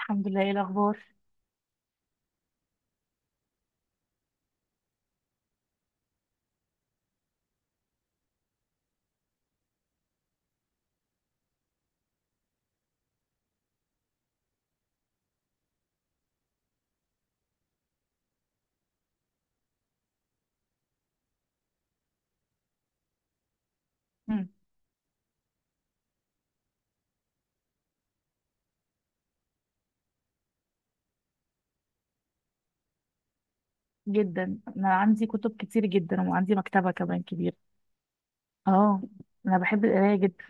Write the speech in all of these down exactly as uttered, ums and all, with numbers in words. الحمد لله، ايه الاخبار؟ مم. جدا. انا عندي كتب كتير جدا، وعندي مكتبه كمان كبيره. اه، انا بحب القرايه جدا.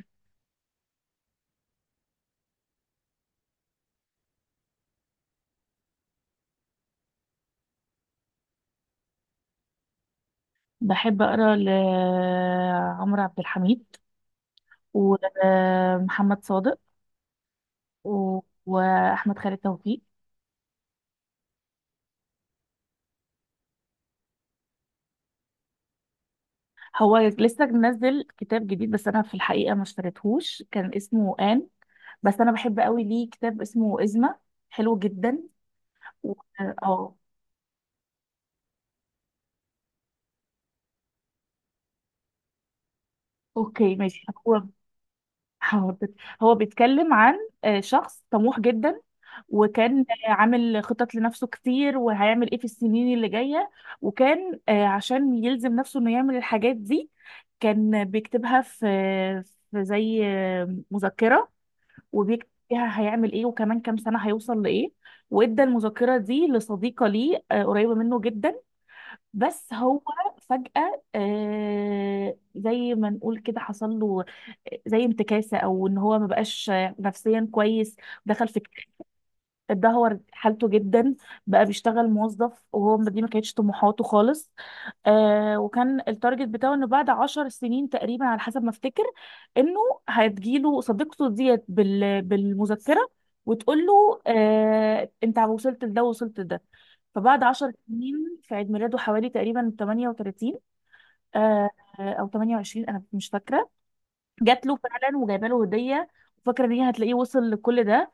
بحب اقرا لعمرو عبد الحميد ومحمد صادق و... واحمد خالد توفيق. هو لسه منزل كتاب جديد، بس انا في الحقيقه ما اشتريتهوش، كان اسمه آن. بس انا بحب قوي ليه كتاب اسمه إزمة، حلو جدا. و... اه، اوكي ماشي، هو حاضر. هو بيتكلم عن آه، شخص طموح جدا. وكان عامل خطط لنفسه كتير، وهيعمل ايه في السنين اللي جاية. وكان آه، عشان يلزم نفسه انه يعمل الحاجات دي، كان بيكتبها في في زي آه، مذكرة. وبيكتب فيها هيعمل ايه، وكمان كام سنة هيوصل لإيه. وادى المذكرة دي لصديقة ليه، آه، قريبة منه جدا. بس هو فجأة، آه، زي ما نقول كده، حصل له آه، زي انتكاسة، او ان هو ما بقاش نفسيا كويس. دخل في، اتدهور حالته جدا. بقى بيشتغل موظف، وهو ما- دي ما كانتش طموحاته خالص. آه وكان التارجت بتاعه انه بعد عشر سنين تقريبا، على حسب ما افتكر، انه هتجيله صديقته ديت بال بالمذكرة، وتقول له، آه انت وصلت لده، وصلت لده. فبعد عشر سنين، في عيد ميلاده حوالي تقريبا تمانية وتلاتين، آه او تمانية وعشرين، انا مش فاكرة، جات له فعلا وجايبه له هدية، وفاكرة ان هي هتلاقيه وصل لكل ده.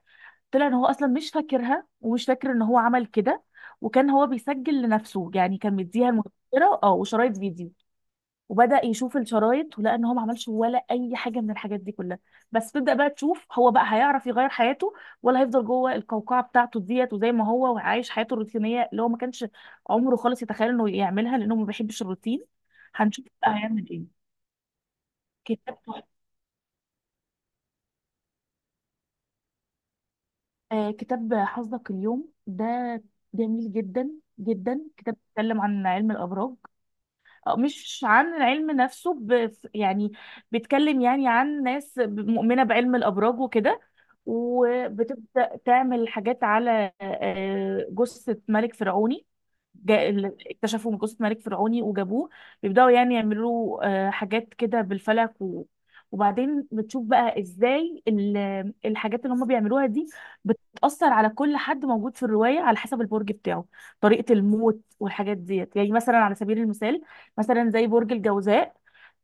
طلع ان هو اصلا مش فاكرها، ومش فاكر ان هو عمل كده، وكان هو بيسجل لنفسه، يعني كان مديها المذكره اه وشرايط فيديو. وبدأ يشوف الشرايط ولقى ان هو ما عملش ولا اي حاجه من الحاجات دي كلها. بس تبدأ بقى تشوف، هو بقى هيعرف يغير حياته، ولا هيفضل جوه القوقعه بتاعته ديت، وزي ما هو وعايش حياته الروتينيه اللي هو ما كانش عمره خالص يتخيل انه يعملها، لانه ما بيحبش الروتين. هنشوف بقى هيعمل ايه. كتاب، آه، كتاب حظك اليوم ده، جميل جدا جدا. كتاب بيتكلم عن علم الأبراج، آه، مش عن العلم نفسه، ب... يعني بيتكلم يعني عن ناس مؤمنة بعلم الأبراج وكده، وبتبدأ تعمل حاجات على آه، جثة ملك فرعوني. جا- ال- اكتشفوا من جثة ملك فرعوني وجابوه، بيبدأوا يعني يعملوا آه، حاجات كده بالفلك. و... وبعدين بتشوف بقى ازاي ال- الحاجات اللي هم بيعملوها دي بتأثر على كل حد موجود في الرواية على حسب البرج بتاعه، طريقة الموت والحاجات ديت. يعني مثلا، على سبيل المثال، مثلا زي برج الجوزاء،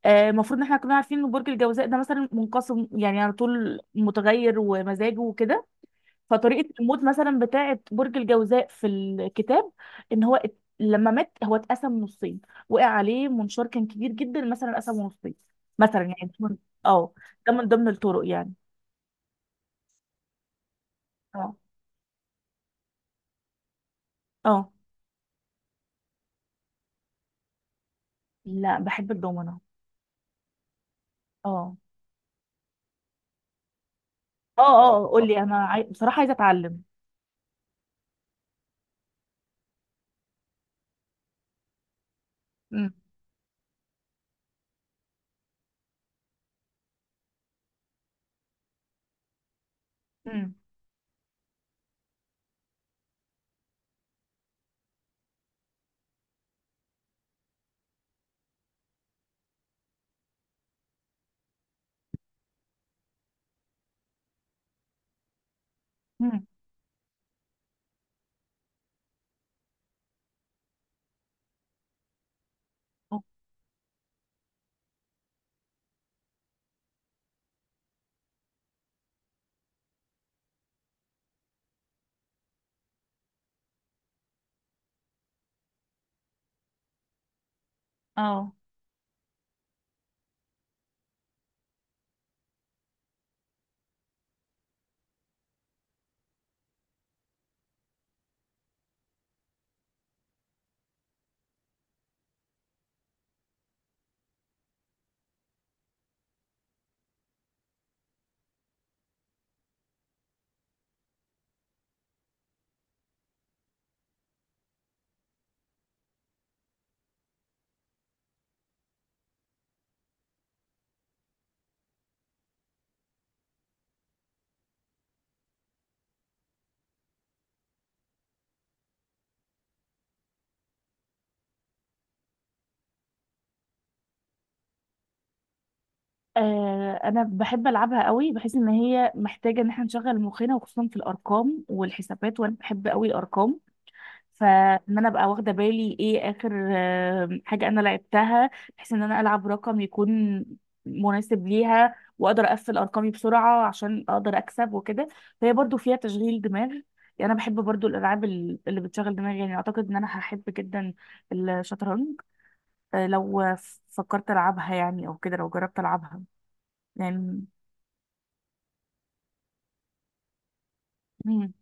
آه، المفروض ان احنا كنا عارفين ان برج الجوزاء ده مثلا منقسم، يعني على طول متغير ومزاجه وكده. فطريقة الموت مثلا بتاعة برج الجوزاء في الكتاب، ان هو ات- لما مات هو اتقسم نصين، وقع عليه منشار كان كبير جدا، مثلا قسمه نصين. مثلا يعني ده من- اه، ده من ضمن الطرق يعني. اه، اه، لا، بحب الدومنة. اه، اه، اه، اه، قول. طب لي انا عاي... بصراحة عايزة اتعلم. امم. امم. امم. اه. آه، انا بحب العبها قوي، بحيث ان هي محتاجه ان احنا نشغل مخنا، وخصوصا في الارقام والحسابات، وانا بحب قوي الارقام. فان انا ابقى واخده بالي ايه اخر آه، حاجه انا لعبتها، بحيث ان انا العب رقم يكون مناسب ليها، واقدر اقفل ارقامي بسرعه عشان اقدر اكسب وكده. فهي برضو فيها تشغيل دماغ. يعني انا بحب برضو الالعاب ال- اللي بتشغل دماغي، يعني اعتقد ان انا هحب جدا الشطرنج، آه، لو فكرت العبها، يعني او كده لو جربت العبها يعني. مم.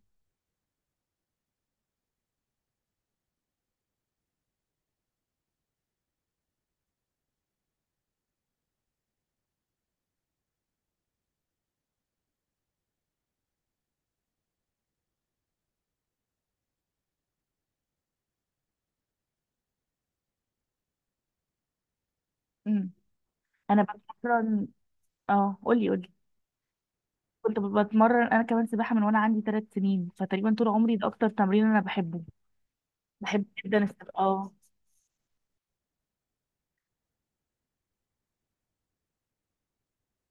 مم. انا بتمرن. اه، قولي قولي. كنت ب- بتمرن انا كمان سباحه من وانا عندي ثلاث سنين، فتقريبا طول عمري ده اكتر تمرين انا بحبه. بحب جدا السباحه، اه.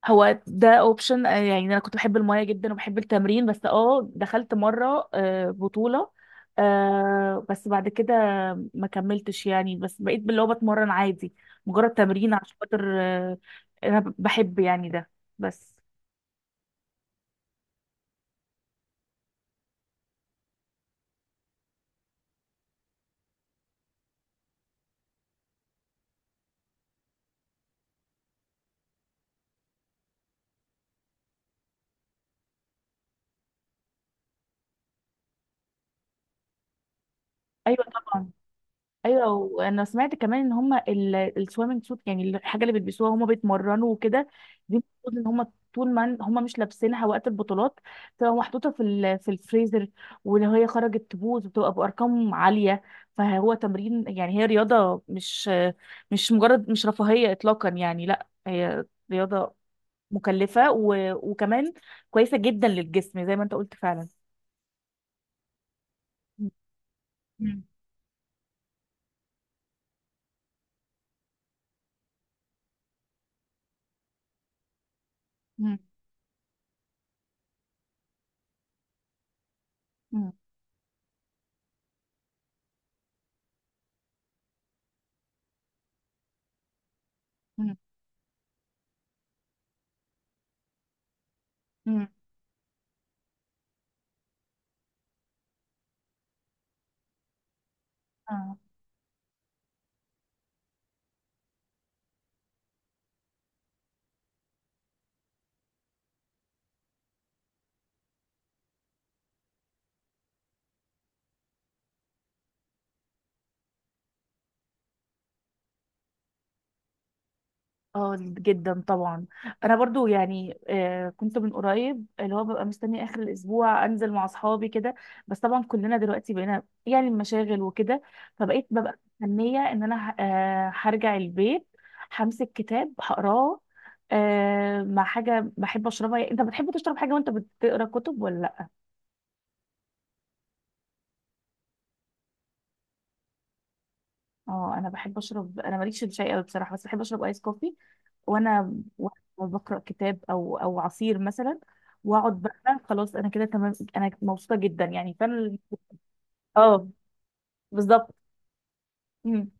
هو ده اوبشن، يعني انا كنت بحب المايه جدا وبحب التمرين، بس اه دخلت مره آه، بطوله. آه، بس بعد كده ما كملتش، يعني بس بقيت اللي هو بتمرن عادي، مجرد تمرين، عشان خاطر آه، انا بحب يعني ده، بس. ايوه طبعا. ايوه، وانا سمعت كمان ان هم السويمنج سوت، يعني الحاجه اللي بيلبسوها هم بيتمرنوا وكده دي، المفروض ان هم طول ما هم مش لابسينها وقت البطولات بتبقى محطوطه في ال- في الفريزر، ولو هي خرجت تبوظ بتبقى بارقام عاليه. فهو تمرين، يعني هي رياضه مش مش مجرد، مش رفاهيه اطلاقا، يعني لا، هي رياضه مكلفه، و... وكمان كويسه جدا للجسم زي ما انت قلت فعلا. مم. مم. مم. مم. مم. اه، جدا طبعا. انا برضو يعني، آه، كنت من قريب اللي هو ببقى مستنيه اخر الاسبوع انزل مع اصحابي كده، بس طبعا كلنا دلوقتي بقينا يعني مشاغل وكده. فبقيت ببقى مستنيه ان انا ه- آه، هرجع البيت، همسك كتاب هقراه، آه، مع حاجه بحب اشربها. يعني انت بتحب تشرب حاجه وانت بتقرا كتب ولا لا؟ اه، انا بحب اشرب، انا ماليش في الشاي قوي بصراحه، بس بحب اشرب ايس كوفي، وانا وانا بقرا كتاب، او او عصير مثلا، واقعد بقى خلاص، انا كده تمام، انا مبسوطه جدا يعني فانا. اه، بالظبط. مم.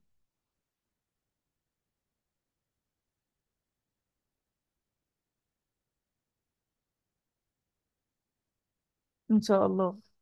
ان شاء الله.